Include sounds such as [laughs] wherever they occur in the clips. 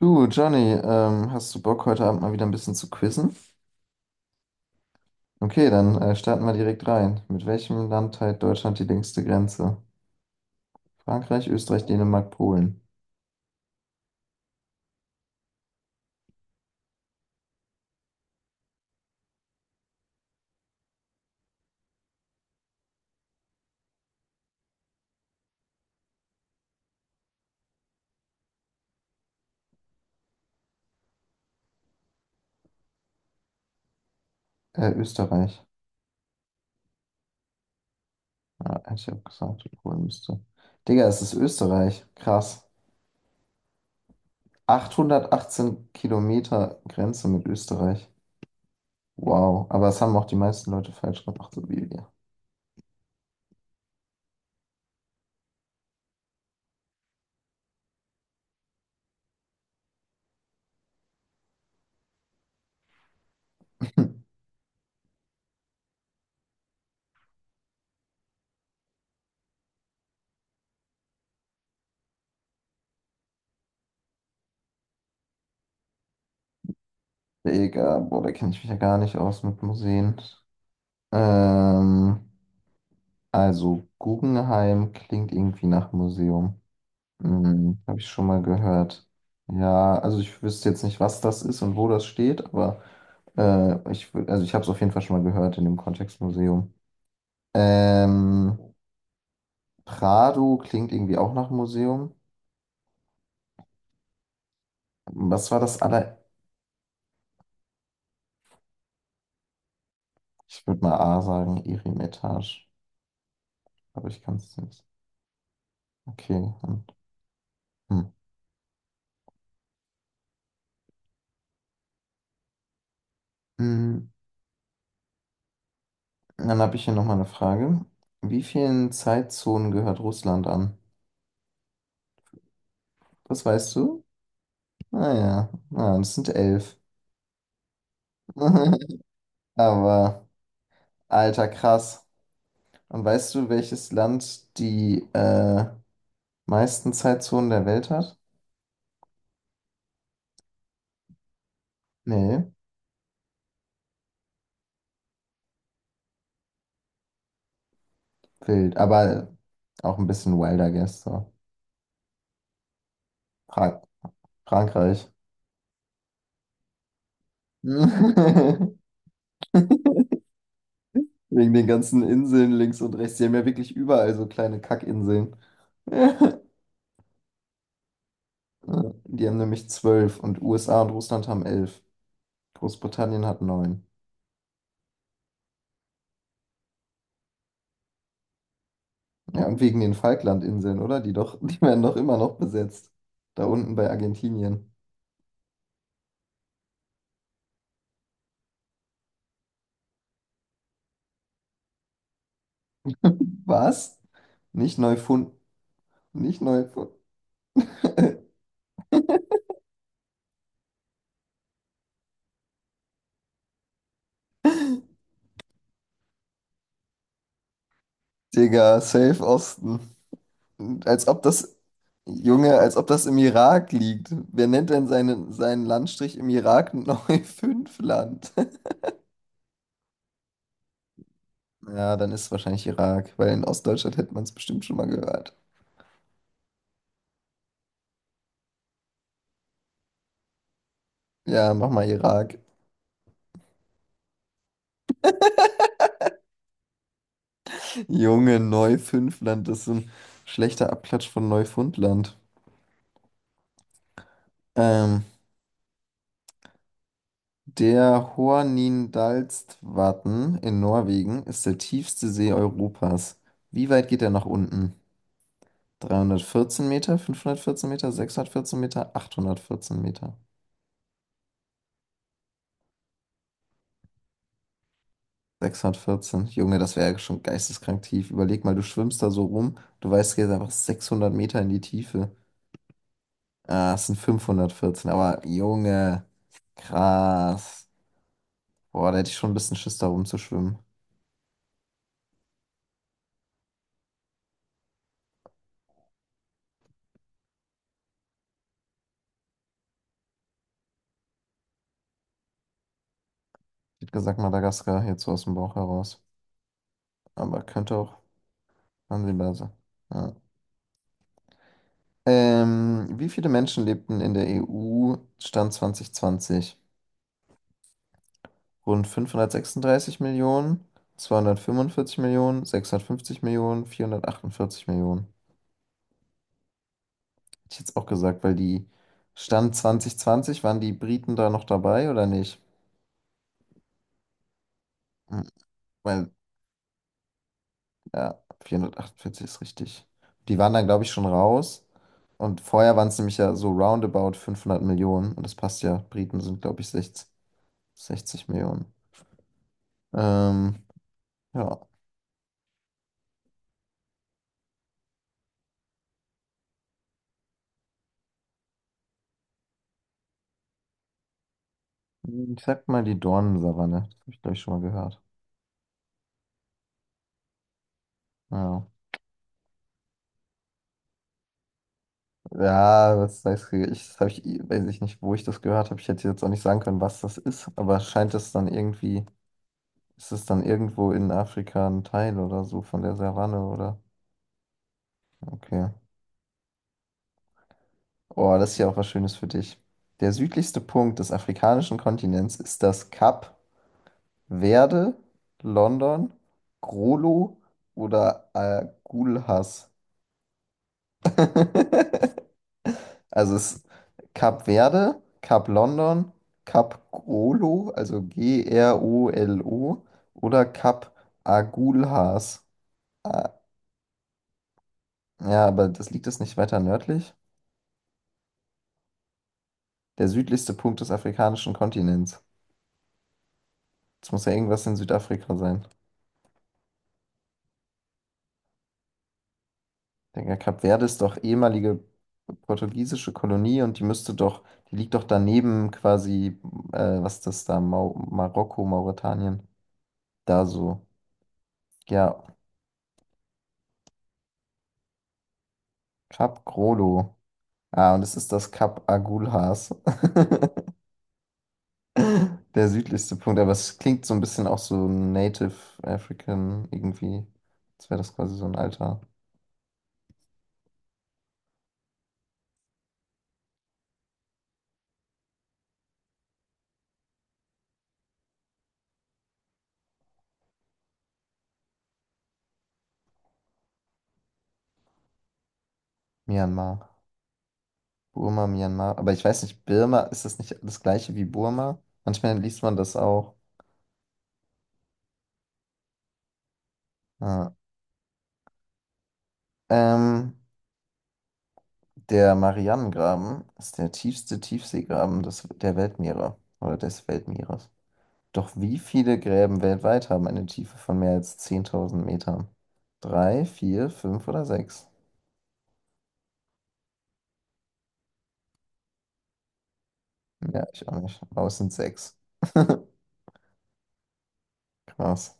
Du, Johnny, hast du Bock, heute Abend mal wieder ein bisschen zu quizzen? Okay, dann starten wir direkt rein. Mit welchem Land teilt Deutschland die längste Grenze? Frankreich, Österreich, Dänemark, Polen. Österreich. Ja, hätte ich auch gesagt, Polen müsste. Digga, es ist Österreich. Krass. 818 Kilometer Grenze mit Österreich. Wow, aber das haben auch die meisten Leute falsch gemacht, so wie wir. [laughs] Digga, boah, da kenne ich mich ja gar nicht aus mit Museen. Ähm, also Guggenheim klingt irgendwie nach Museum. Habe ich schon mal gehört. Ja, also ich wüsste jetzt nicht, was das ist und wo das steht, aber also ich habe es auf jeden Fall schon mal gehört in dem Kontext Museum. Ähm, Prado klingt irgendwie auch nach Museum. Was war das aller? Ich würde mal A sagen, Eremitage. Aber ich kann es nicht. Okay. Und, hm. Mm, Dann habe ich hier nochmal eine Frage. Wie vielen Zeitzonen gehört Russland an? Das weißt du? Naja, na, das sind 11. [laughs] Aber, alter, krass. Und weißt du, welches Land die meisten Zeitzonen der Welt hat? Nee, wild. Aber auch ein bisschen wilder, guess. So. Fra Frankreich. [laughs] Wegen den ganzen Inseln links und rechts. Die haben ja wirklich überall so kleine Kackinseln. Ja. Die haben nämlich 12 und USA und Russland haben 11. Großbritannien hat neun. Ja, und wegen den Falklandinseln, oder? Die werden doch immer noch besetzt. Da unten bei Argentinien. Was? Nicht Neufund. Nicht Neufund. Digga, safe Osten. Als ob das, Junge, als ob das im Irak liegt. Wer nennt denn seinen Landstrich im Irak Neufundland? [laughs] Ja, dann ist es wahrscheinlich Irak, weil in Ostdeutschland hätte man es bestimmt schon mal gehört. Ja, mach mal Irak. Junge, Neufünfland, das ist so ein schlechter Abklatsch von Neufundland. Ähm, der Hornindalsvatn in Norwegen ist der tiefste See Europas. Wie weit geht er nach unten? 314 Meter, 514 Meter, 614 Meter, 814 Meter. 614. Junge, das wäre ja schon geisteskrank tief. Überleg mal, du schwimmst da so rum, du weißt, du gehst einfach 600 Meter in die Tiefe. Ah, es sind 514, aber Junge, krass. Boah, da hätte ich schon ein bisschen Schiss, da rumzuschwimmen. Ich hätte gesagt Madagaskar, jetzt so aus dem Bauch heraus. Aber könnte auch Sansibar sein. Ja. Wie viele Menschen lebten in der EU Stand 2020? Rund 536 Millionen, 245 Millionen, 650 Millionen, 448 Millionen. Hätte ich jetzt auch gesagt, weil die Stand 2020, waren die Briten da noch dabei oder nicht? Hm, Weil Ja, 448 ist richtig. Die waren dann, glaube ich, schon raus. Und vorher waren es nämlich ja so roundabout 500 Millionen. Und das passt ja. Briten sind, glaube ich, 60, 60 Millionen. Ähm, ja, ich sag mal die Dornensavanne. Das habe ich, glaube ich, schon mal gehört. Ja, ja was sagst du? Ich, das hab ich, weiß ich nicht, wo ich das gehört habe. Ich hätte jetzt auch nicht sagen können, was das ist. Aber scheint es dann irgendwie, ist es dann irgendwo in Afrika ein Teil oder so von der Savanne, oder? Okay. Oh, das ist ja auch was Schönes für dich. Der südlichste Punkt des afrikanischen Kontinents ist das Kap Verde, London, Grolo oder Agulhas. [laughs] Also es ist Kap Verde, Kap London, Kap Grolo, also G-R-O-L-O oder Kap Agulhas. Ah, ja, aber das liegt es nicht weiter nördlich? Der südlichste Punkt des afrikanischen Kontinents. Das muss ja irgendwas in Südafrika sein. Denke, Kap Verde ist doch ehemalige portugiesische Kolonie und die müsste doch, die liegt doch daneben quasi, was ist das da, Mau Marokko, Mauretanien, da so. Ja, Kap Grolo. Ah, und es ist das Kap Agulhas. [laughs] Der südlichste Punkt, aber es klingt so ein bisschen auch so Native African irgendwie. Als wäre das quasi so ein alter. Myanmar. Burma, Myanmar. Aber ich weiß nicht, Birma, ist das nicht das gleiche wie Burma? Manchmal liest man das auch. Ah. Ähm, der Marianengraben ist der tiefste Tiefseegraben des, der Weltmeere oder des Weltmeeres. Doch wie viele Gräben weltweit haben eine Tiefe von mehr als 10.000 Metern? Drei, vier, fünf oder sechs? Ja, ich auch nicht. Aber es sind sechs. [laughs] Krass.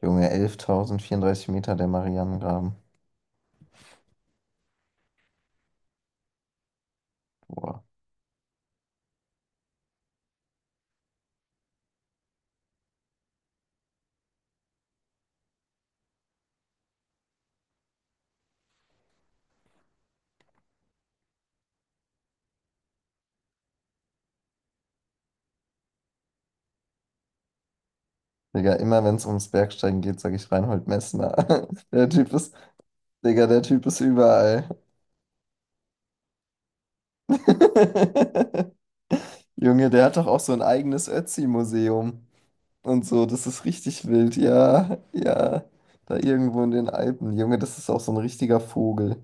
Junge, 11.034 Meter der Marianengraben. Boah. Digga, immer wenn es ums Bergsteigen geht, sage ich Reinhold Messner. [laughs] Der Typ ist, Digga, der Typ ist überall. [laughs] Junge, der hat doch auch so ein eigenes Ötzi-Museum und so. Das ist richtig wild. Ja, ja. Da irgendwo in den Alpen. Junge, das ist auch so ein richtiger Vogel.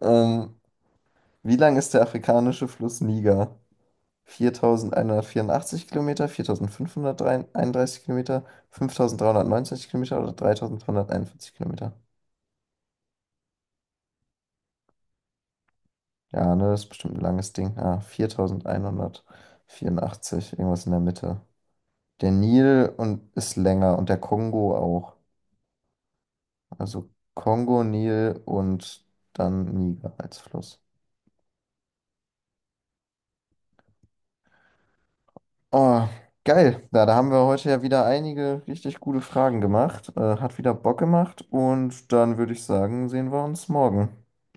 Ähm, wie lang ist der afrikanische Fluss Niger? 4.184 Kilometer, 4531 Kilometer, 5390 Kilometer oder 3.241 Kilometer? Ja, ne, das ist bestimmt ein langes Ding. Ah, 4.184, irgendwas in der Mitte. Der Nil und ist länger und der Kongo auch. Also Kongo, Nil und dann Niger als Fluss. Oh, geil. Da haben wir heute ja wieder einige richtig gute Fragen gemacht. Hat wieder Bock gemacht. Und dann würde ich sagen, sehen wir uns morgen.